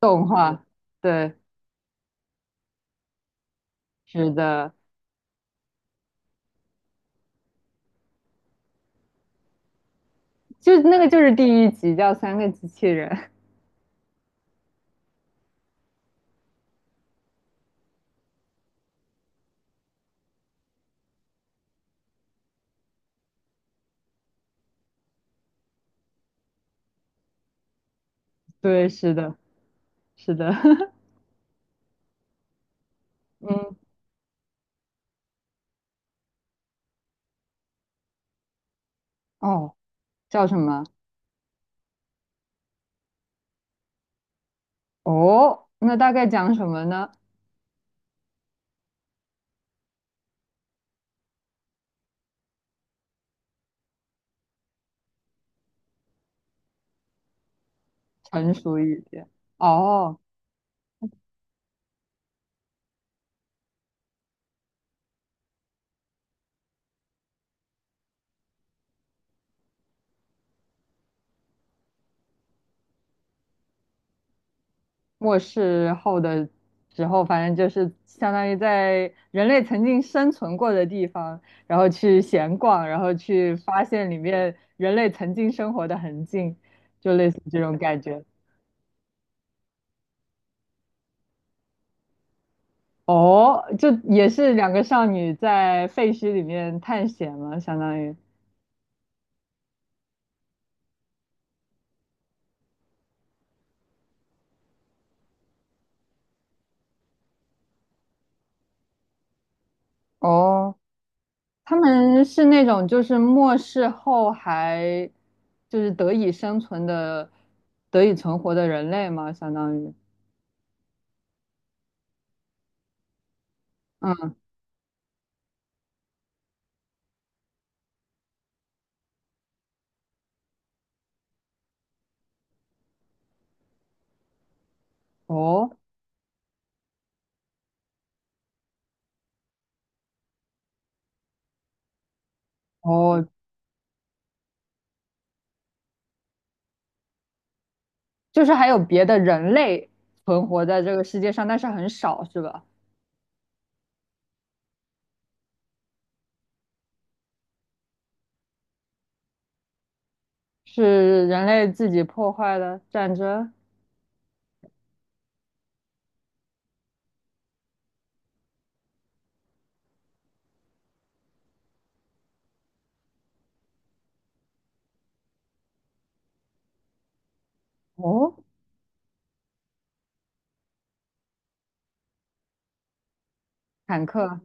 动画。对，是的。就那个第一集叫《三个机器人》。对，是的，是的。嗯。哦，叫什么？哦，那大概讲什么呢？成熟一点。哦，末世后的时候，反正就是相当于在人类曾经生存过的地方，然后去闲逛，然后去发现里面人类曾经生活的痕迹，就类似这种感觉。哦，就也是两个少女在废墟里面探险嘛，相当于。哦，他们是那种就是末世后还得以生存的、得以存活的人类嘛，相当于。嗯。哦哦，就是还有别的人类存活在这个世界上，但是很少，是吧？是人类自己破坏的战争。哦，坦克。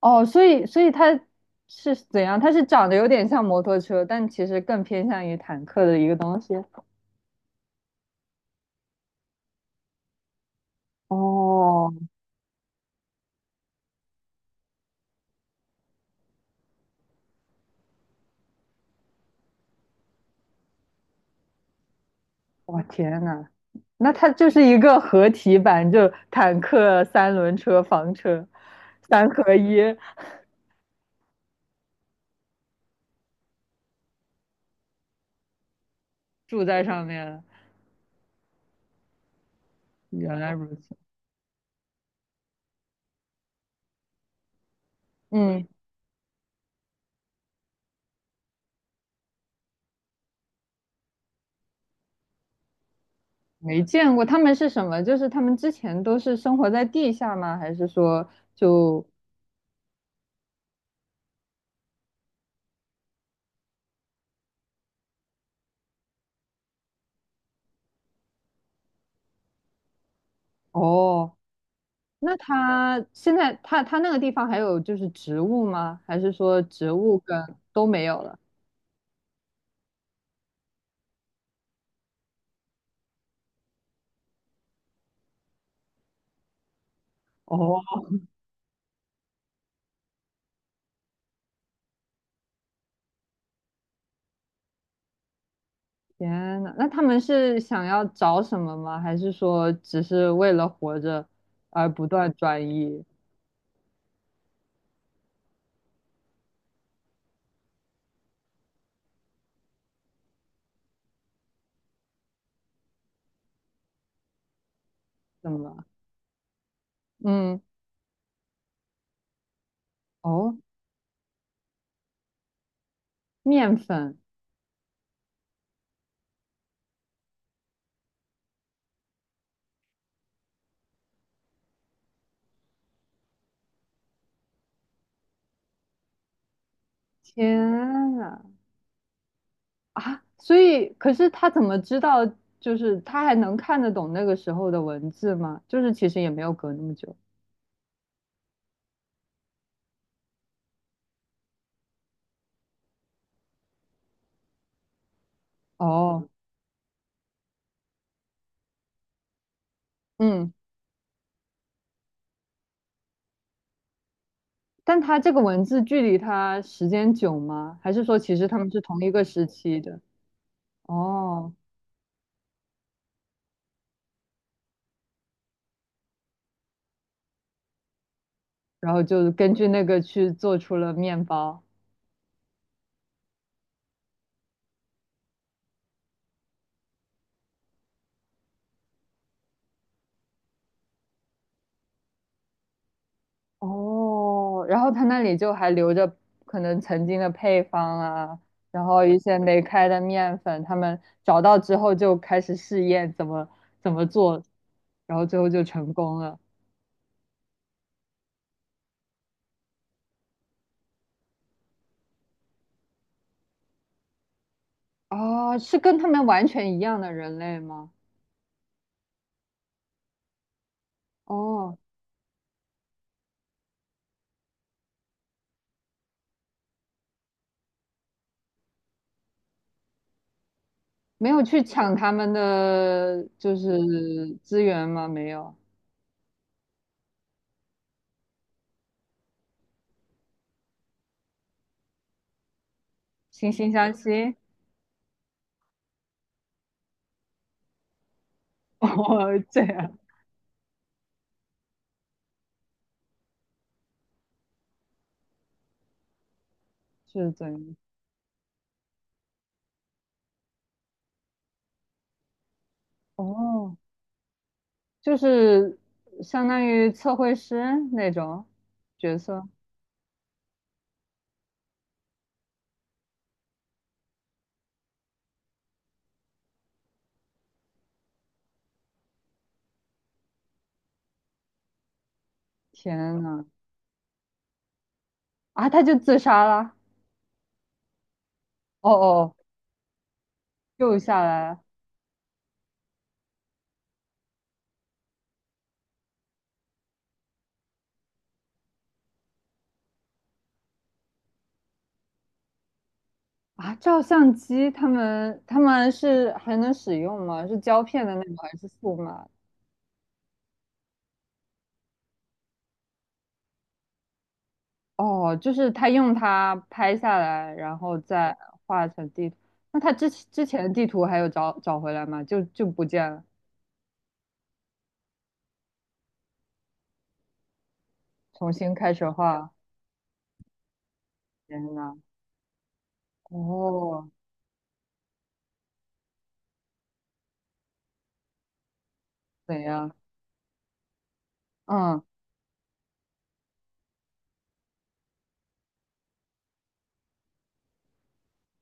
哦，所以所以它是怎样？它是长得有点像摩托车，但其实更偏向于坦克的一个东西。哦，我天呐，那它就是一个合体版，就坦克、三轮车、房车，三合一，住在上面了。原来如此。嗯，没见过他们是什么？就是他们之前都是生活在地下吗？还是说就哦？那它现在它它那个地方还有就是植物吗？还是说植物跟都没有了？哦，天呐，那他们是想要找什么吗？还是说只是为了活着而不断转移？怎么了？嗯。哦，面粉。天呐，啊！所以，可是他怎么知道？就是他还能看得懂那个时候的文字吗？就是其实也没有隔那么久。哦。嗯。但它这个文字距离它时间久吗？还是说其实他们是同一个时期的？哦，然后就根据那个去做出了面包。哦，然后他那里就还留着可能曾经的配方啊，然后一些没开的面粉，他们找到之后就开始试验怎么做，然后最后就成功了。哦，是跟他们完全一样的人类吗？哦，没有去抢他们的资源吗？没有，惺惺相惜。哦，这样。是怎样？哦，就是相当于测绘师那种角色。天呐，啊，他就自杀了。哦哦，救下来了。啊，照相机他们是还能使用吗？是胶片的那种还是数码？哦，就是他用它拍下来，然后再画成地图。那他之前的地图还有找回来吗？就就不见了，重新开始画。天呐。哦，怎样？嗯。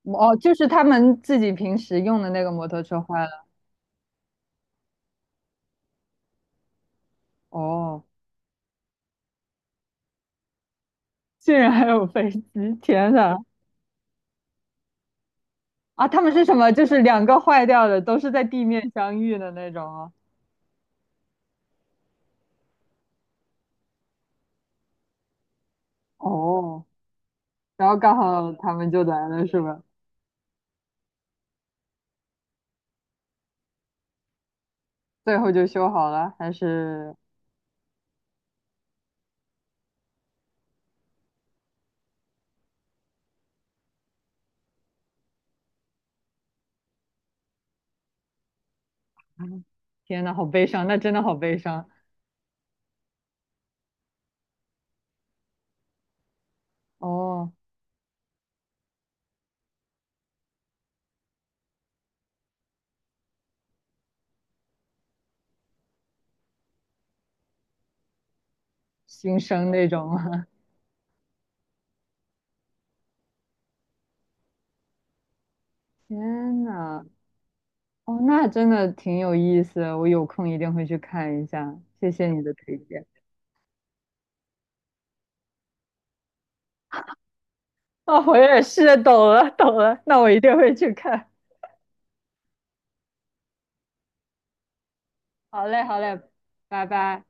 哦，就是他们自己平时用的那个摩托车坏了。哦，竟然还有飞机！天呐，啊，他们是什么？就是两个坏掉的，都是在地面相遇的那种哦。哦，然后刚好他们就来了，是吧？最后就修好了，还是？嗯。天呐，好悲伤，那真的好悲伤。哦，新生那种啊。天呐。哦，那真的挺有意思，我有空一定会去看一下，谢谢你的推荐。哦，我也是，懂了懂了，那我一定会去看。好嘞好嘞，拜拜。